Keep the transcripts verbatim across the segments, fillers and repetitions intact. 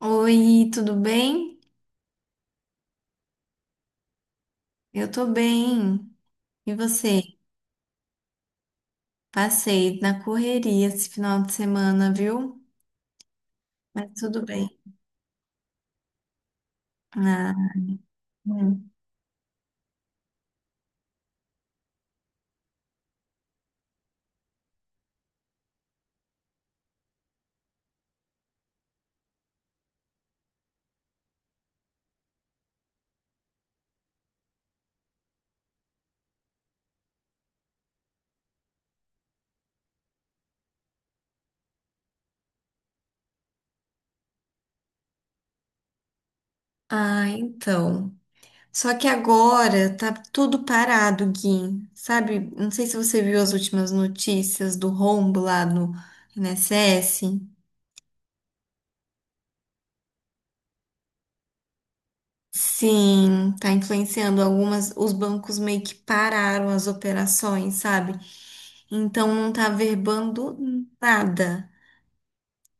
Oi, tudo bem? Eu tô bem. E você? Passei na correria esse final de semana, viu? Mas tudo bem. Ah, hum. Ah, então. Só que agora tá tudo parado, Gui. Sabe? Não sei se você viu as últimas notícias do rombo lá no I N S S. Sim, tá influenciando algumas. Os bancos meio que pararam as operações, sabe? Então não tá verbando nada.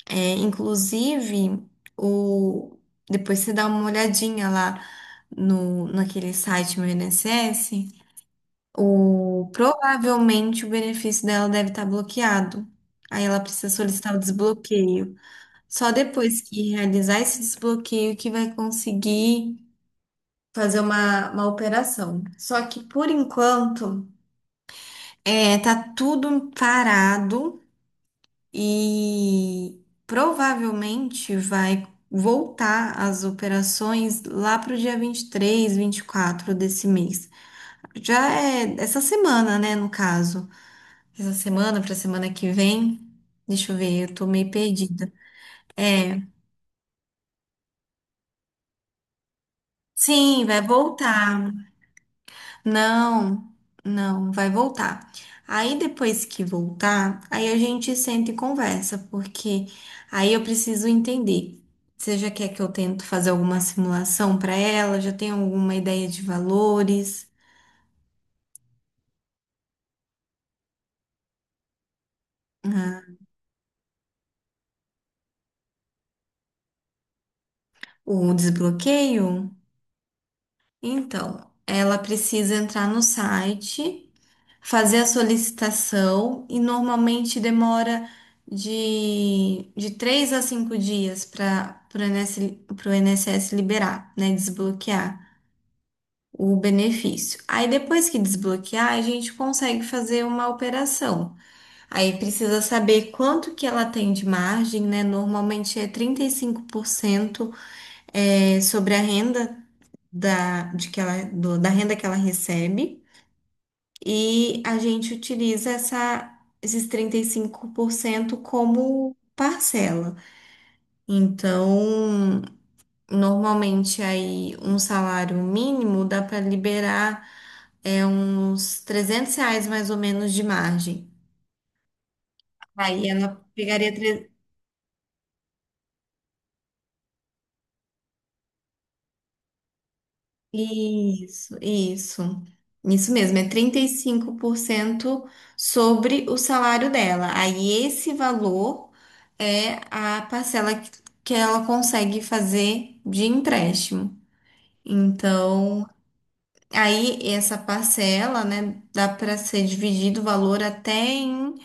É, inclusive, o... depois você dá uma olhadinha lá no, naquele site meu I N S S, o... provavelmente o benefício dela deve estar bloqueado. Aí ela precisa solicitar o desbloqueio. Só depois que realizar esse desbloqueio que vai conseguir fazer uma, uma operação. Só que por enquanto, é, tá tudo parado. E provavelmente vai voltar as operações lá para o dia vinte e três, vinte e quatro desse mês. Já é essa semana, né, no caso. Essa semana para semana que vem. Deixa eu ver, eu tô meio perdida. É, sim, vai voltar. Não, não, vai voltar. Aí depois que voltar, aí a gente senta e conversa, porque aí eu preciso entender. Você já quer que eu tento fazer alguma simulação para ela? Já tem alguma ideia de valores? Ah, o desbloqueio? Então, ela precisa entrar no site, fazer a solicitação e normalmente demora de, de três a cinco dias para o I N S S liberar, né, desbloquear o benefício. Aí depois que desbloquear, a gente consegue fazer uma operação. Aí precisa saber quanto que ela tem de margem, né? Normalmente é trinta e cinco por cento é, sobre a renda da, de que ela, do- da renda que ela recebe. E a gente utiliza essa, esses trinta e cinco por cento como parcela. Então, normalmente aí um salário mínimo dá para liberar é, uns trezentos reais mais ou menos de margem. Aí ela pegaria. Isso, isso. Isso mesmo, é trinta e cinco por cento sobre o salário dela. Aí esse valor é a parcela que que ela consegue fazer de empréstimo. Então, aí essa parcela, né, dá para ser dividido o valor até em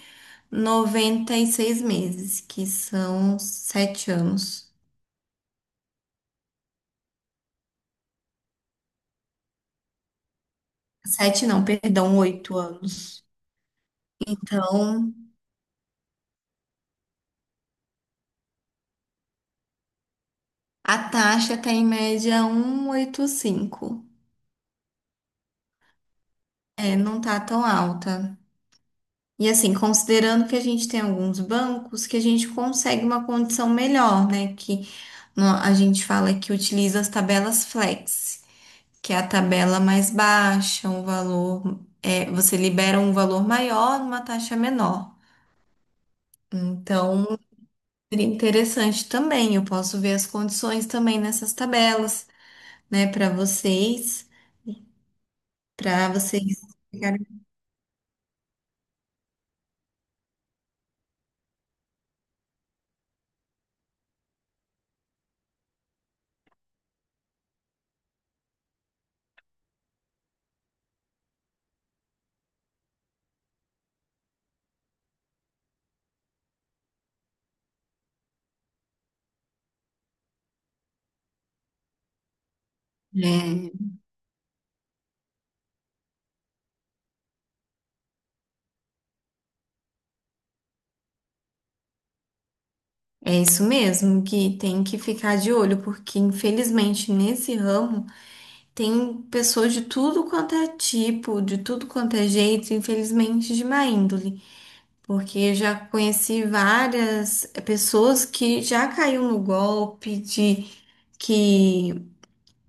noventa e seis meses, que são sete anos. Sete não, perdão, oito anos. Então, a taxa tá em média um vírgula oitenta e cinco. É, não tá tão alta. E assim, considerando que a gente tem alguns bancos que a gente consegue uma condição melhor, né? Que no- a gente fala que utiliza as tabelas flex, que é a tabela mais baixa, um valor, é, você libera um valor maior numa taxa menor. Então, seria interessante também. Eu posso ver as condições também nessas tabelas, né, para vocês, para vocês. É, é isso mesmo, que tem que ficar de olho, porque infelizmente nesse ramo tem pessoas de tudo quanto é tipo, de tudo quanto é jeito, infelizmente de má índole. Porque eu já conheci várias pessoas que já caiu no golpe. De que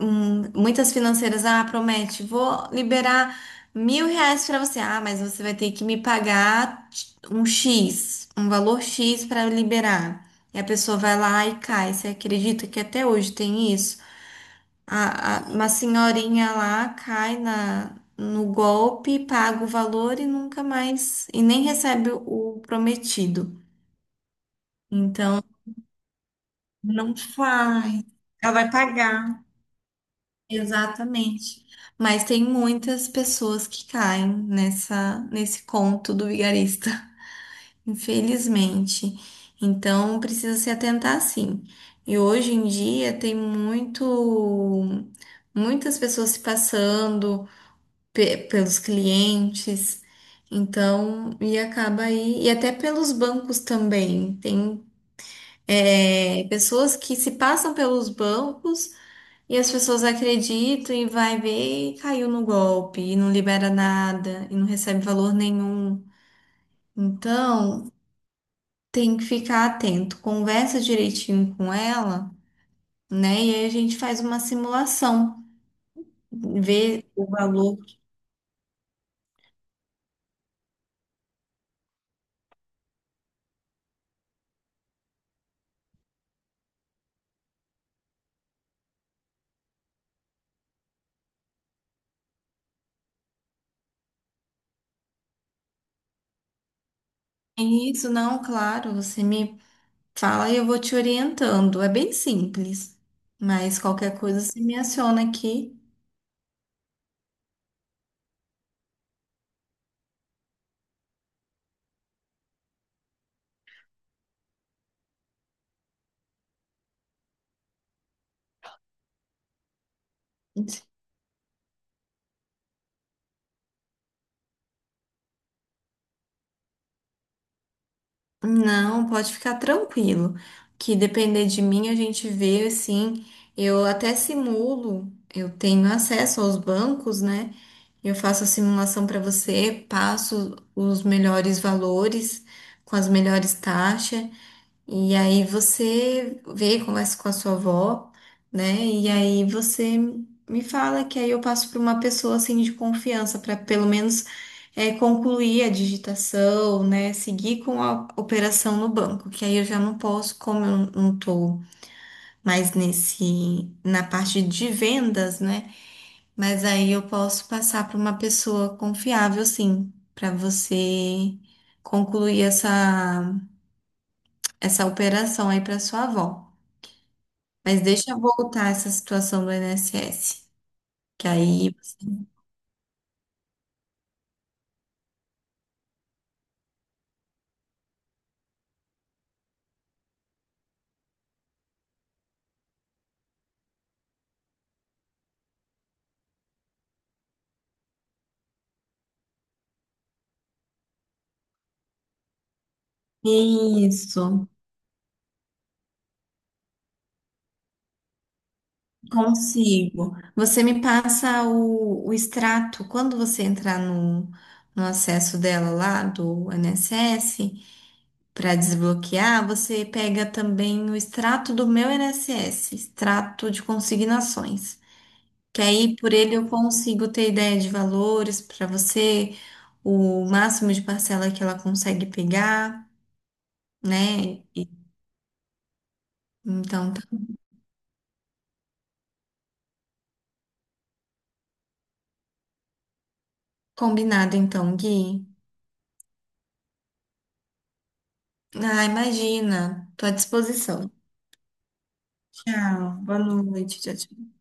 Hum, muitas financeiras, ah, promete, vou liberar mil reais para você. Ah, mas você vai ter que me pagar um X, um valor X para liberar. E a pessoa vai lá e cai. Você acredita que até hoje tem isso? A, a- uma senhorinha lá cai na, no golpe, paga o valor e nunca mais, e nem recebe o prometido. Então, não faz. Ela vai pagar. Exatamente. Mas tem muitas pessoas que caem nessa, nesse conto do vigarista, infelizmente. Então precisa se atentar sim. E hoje em dia tem muito, muitas pessoas se passando pe- pelos clientes. Então, e acaba aí, e até pelos bancos também. Tem, é, pessoas que se passam pelos bancos e as pessoas acreditam e vai ver e caiu no golpe e não libera nada e não recebe valor nenhum. Então, tem que ficar atento, conversa direitinho com ela, né? E aí a gente faz uma simulação, vê o valor. E isso não, claro, você me fala e eu vou te orientando. É bem simples. Mas qualquer coisa você me aciona aqui. Não, pode ficar tranquilo, que depender de mim a gente vê assim. Eu até simulo, eu tenho acesso aos bancos, né? Eu faço a simulação para você, passo os melhores valores com as melhores taxas. E aí você vê, conversa com a sua avó, né? E aí você me fala que aí eu passo para uma pessoa assim de confiança para pelo menos é, concluir a digitação, né? Seguir com a operação no banco, que aí eu já não posso, como eu não tô mais nesse na parte de vendas, né? Mas aí eu posso passar para uma pessoa confiável, sim, para você concluir essa essa operação aí para sua avó. Mas deixa eu voltar essa situação do I N S S. Que aí Isso, consigo. Você me passa o, o extrato quando você entrar no, no acesso dela lá do I N S S para desbloquear. Você pega também o extrato do meu I N S S, extrato de consignações. Que aí por ele eu consigo ter ideia de valores para você, o máximo de parcela que ela consegue pegar, né? E- Então. Combinado então, Gui. Ah, imagina. Tô à disposição. Tchau. Boa noite. Tchau, tchau.